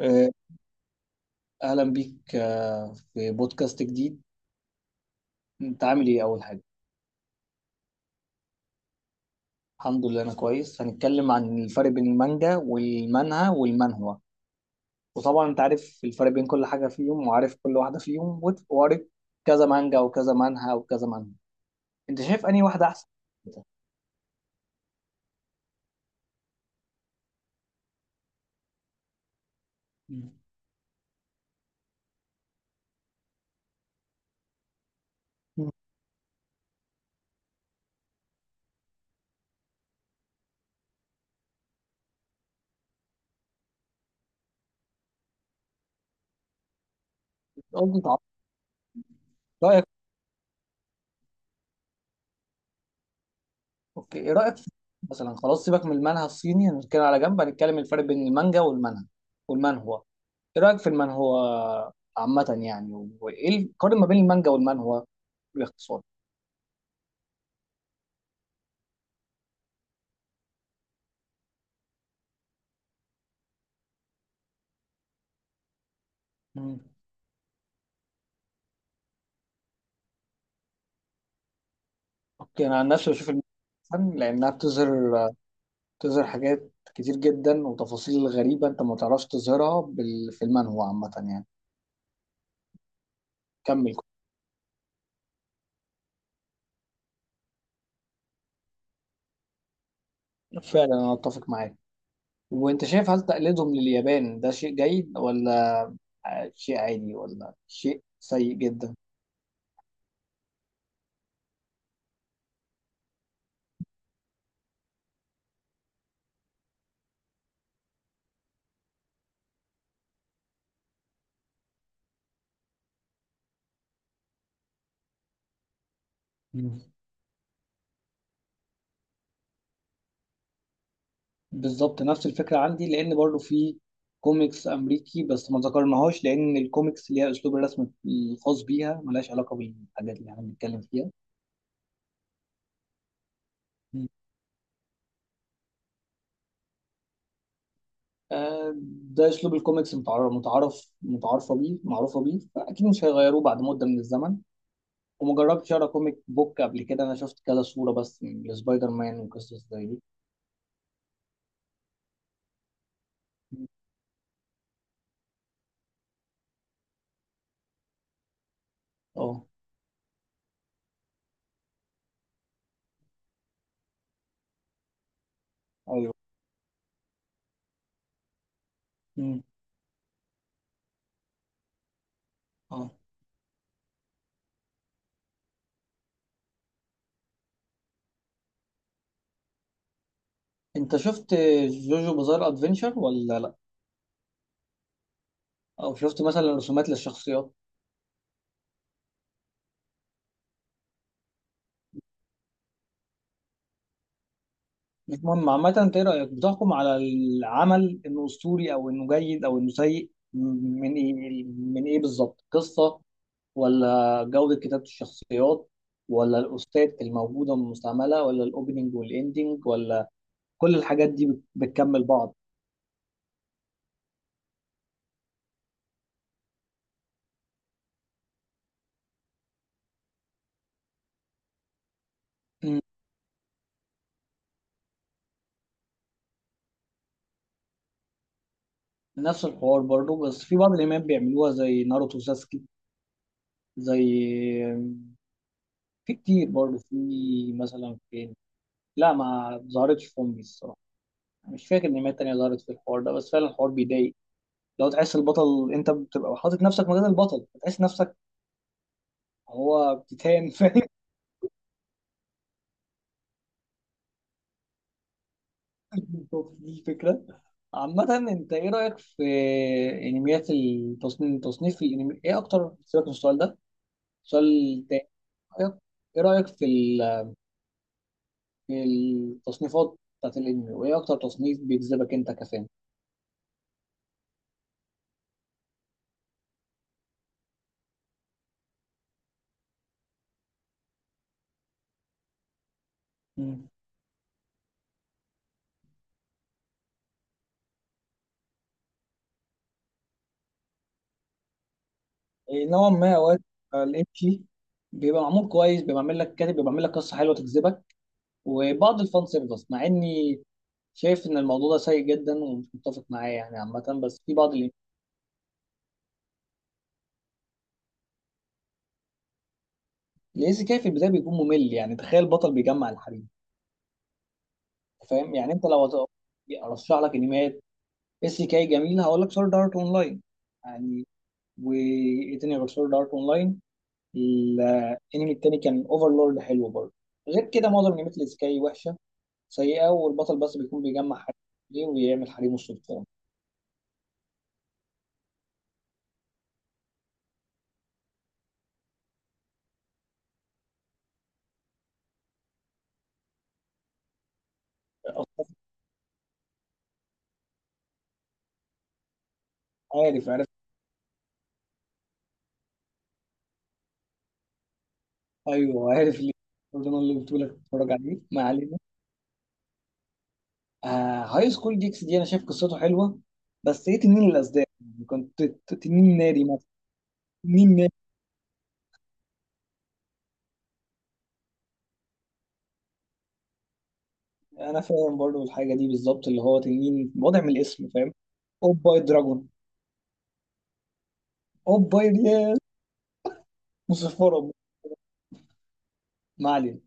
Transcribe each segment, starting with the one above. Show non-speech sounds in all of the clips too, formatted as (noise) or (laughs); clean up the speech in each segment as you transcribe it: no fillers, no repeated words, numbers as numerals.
آه، أهلا بيك في بودكاست جديد. أنت عامل إيه أول حاجة؟ الحمد لله، أنا كويس. هنتكلم عن الفرق بين المانجا والمانهوا والمانهوا. وطبعا أنت عارف الفرق بين كل حاجة فيهم وعارف كل واحدة فيهم، وقريت كذا مانجا وكذا مانهوا وكذا مانهوا. أنت شايف أنهي واحدة أحسن؟ مم. قصدي أنت، رأيك. أوكي، إيه رأيك في- مثلا خلاص، سيبك من المانهوا الصيني. هنتكلم على جنب، هنتكلم الفرق بين المانجا والمانهوا والمانهوا. ايه رايك في المانهوا عامه يعني، وايه القارن ما بين المانجا والمانهوا باختصار؟ مم. اوكي، انا عن نفسي بشوف المانهوا لانها بتظهر حاجات كتير جدا وتفاصيل غريبه انت ما تعرفش تظهرها في المانهوا عامه يعني. كمل. فعلا انا اتفق معاك. وانت شايف هل تقليدهم لليابان ده شيء جيد، ولا شيء عادي، ولا شيء سيء جدا؟ بالظبط نفس الفكرة عندي، لأن برضو في كوميكس أمريكي بس ما ذكرناهاش، لأن الكوميكس ليها أسلوب الرسم الخاص بيها، ملهاش علاقة بالحاجات اللي احنا بنتكلم فيها. مم. آه، ده أسلوب الكوميكس، متعارفة بيه، معروفة بيه، فأكيد مش هيغيروه بعد مدة من الزمن. وما جربتش أقرأ كوميك بوك قبل كده، أنا شفت كذا صورة بس لسبايدر مان وقصص زي دي. مم. أه. ايوه. مم. أه. أنت شفت جوجو بازار أدفنشر ولا لأ؟ أو شفت مثلا رسومات للشخصيات؟ مش مهم عامة. انت ايه رأيك، بتحكم على العمل انه اسطوري او انه جيد او انه سيء من ايه؟ من ايه بالظبط؟ قصة، ولا جودة كتابة الشخصيات، ولا الأستاذ الموجودة المستعملة، ولا الأوبننج والإندنج، ولا كل الحاجات دي بتكمل بعض؟ مم. نفس الحوار برضه، بس في بعض الأنميات بيعملوها زي ناروتو ساسكي، زي، في كتير برضه، في مثلا فين. لا، ما ظهرتش في أمي الصراحة. مش فاكر أنميات تانية ظهرت في الحوار ده، بس فعلا الحوار بيضايق. لو تحس البطل، انت بتبقى حاطط نفسك مكان البطل، بتحس نفسك هو بتتهان (laughs) فاهم؟ دي الفكره. عامة انت ايه رأيك في انميات التصنيف، تصنيف الانمي ايه اكتر؟ سيبك من السؤال ده، السؤال تاني. ايه رأيك، في في التصنيفات بتاعت الانمي، وايه اكتر تصنيف بيجذبك انت كفان؟ مم. إيه نوعا ما، اوقات الانمي بيبقى معمول كويس، بيبقى عامل لك كاتب، بيبقى عامل لك قصة حلوة تجذبك، وبعض الفان سيرفيس، مع اني شايف ان الموضوع ده سيء جدا ومش متفق معاه يعني عامه، بس في بعض الايزي كاي في البدايه بيكون ممل. يعني تخيل بطل بيجمع الحريم. فاهم يعني؟ انت لو ارشح لك انميات اس كاي جميل، هقول لك سورد ارت اونلاين يعني. وايه تاني غير سورد ارت اونلاين؟ الانمي التاني كان اوفرلورد، حلو برضه. غير كده معظم انميات الاس كاي وحشه سيئه، والبطل بس بيكون بيجمع حريم ليه، ويعمل حريمه السلطان. عارف، عارف. ايوه عارف، ليه برضه انا اللي بتقول لك تتفرج عليه. ما علينا. آه، هاي سكول جيكس دي انا شايف قصته حلوه، بس ايه تنين الاسدان يعني؟ كنت تنين ناري مثلا. تنين ناري. انا فاهم برضو الحاجه دي بالظبط، اللي هو تنين واضح من الاسم، فاهم؟ اوباي دراجون. اوباي يا مصفره. ما علينا.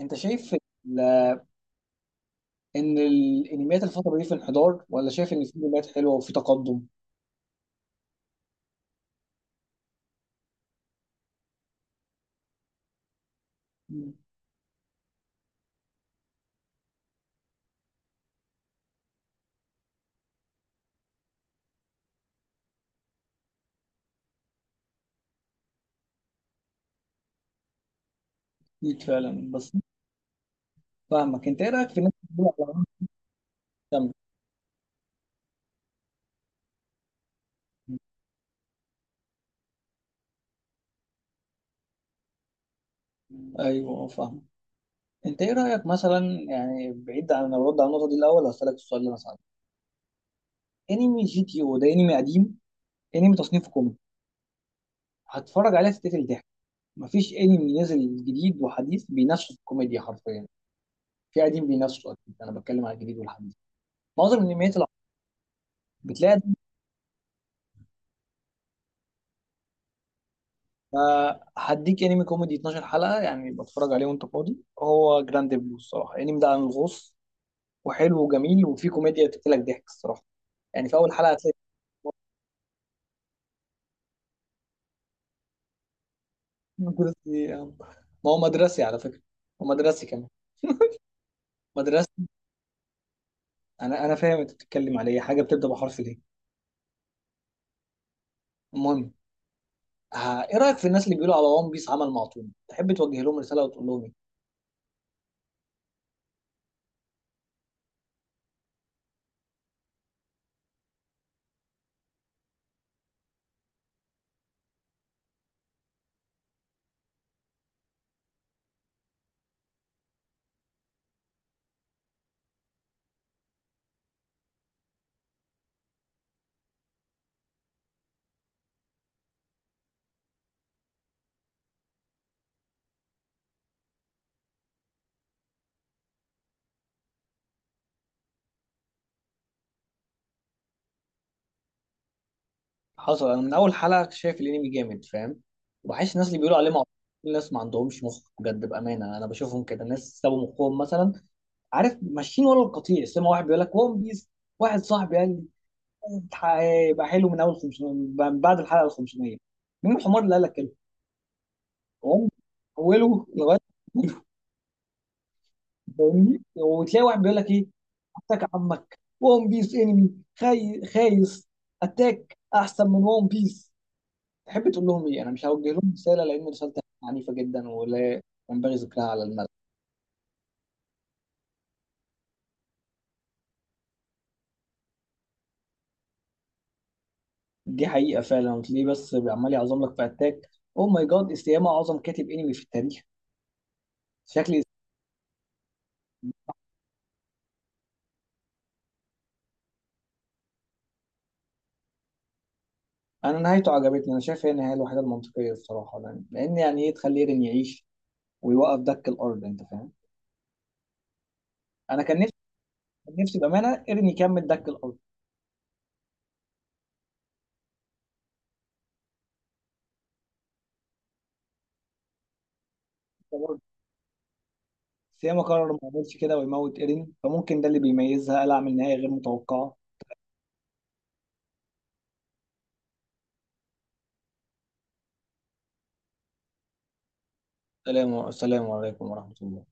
انت شايف ان الانميات الفتره دي في انحدار، ولا شايف ان في انميات حلوه وفي تقدم؟ مم. اكيد فعلا، بس فاهمك. انت ايه رايك في الناس اللي بتقول على العالم الشامل؟ ايوه فاهم. انت ايه رايك مثلا، يعني بعيد عن الرد على النقطه دي الاول هسالك السؤال ده. مثلا انمي جي تي او ده انمي قديم، انمي تصنيفه كوميدي، هتفرج عليه تتقتل ضحك. مفيش انمي نزل جديد وحديث بينافسوا في الكوميديا حرفيا. في قديم بينافسوا اكيد، انا بتكلم على الجديد والحديث. معظم الانميات اللي بتلاقي. هديك انمي كوميدي 12 حلقه يعني، بتفرج عليه وانت فاضي. هو جراند بلو الصراحه، الانمي ده عن الغوص، وحلو وجميل، وفيه كوميديا تقتلك ضحك الصراحه. يعني في اول حلقه هتلاقي (laughs) مدرسي إيه يا عم؟ ما هو مدرسي على فكره، ومدرسي كمان. (laughs) مدرسي. انا فاهم انت بتتكلم على ايه، حاجه بتبدا بحرف ليه. المهم. ايه رايك في الناس اللي بيقولوا على ون بيس عمل معطوب؟ تحب توجه لهم رساله وتقول لهم ايه؟ حصل، انا من اول حلقه شايف الانمي جامد فاهم. وبحس الناس اللي بيقولوا عليه معطوب الناس ما عندهمش مخ بجد بامانه، انا بشوفهم كده ناس سابوا مخهم مثلا. عارف، ماشيين ورا القطيع سمع واحد بيقول لك ون بيس. واحد صاحبي قال لي هيبقى حلو من اول 500، من بعد الحلقه ال 500. مين الحمار اللي قال لك كده؟ ون بيس، اوله لغايه (laughs) فاهمني؟ وتلاقي واحد بيقول لك ايه، اتاك عمك، ون بيس انمي خايس، اتاك احسن من ون بيس. تحب تقول لهم ايه؟ انا مش هوجه لهم رساله لان رسالتي عنيفه جدا ولا ينبغي ذكرها على الملأ. دي حقيقه فعلا، وتلاقيه بس عمال يعظم لك في اتاك، او ماي جاد استياما اعظم كاتب انمي في التاريخ شكلي. انا نهايته عجبتني، انا شايف هي النهايه الوحيده المنطقيه بصراحه يعني. لان يعني ايه تخلي ايرين يعيش ويوقف دك الارض، انت فاهم. انا كان نفسي بامانه ايرين يكمل دك الارض. سيما قرر ما يعملش كده ويموت ايرين، فممكن ده اللي بيميزها، قال اعمل نهاية غير متوقعة. سلام، سلام عليكم ورحمة الله.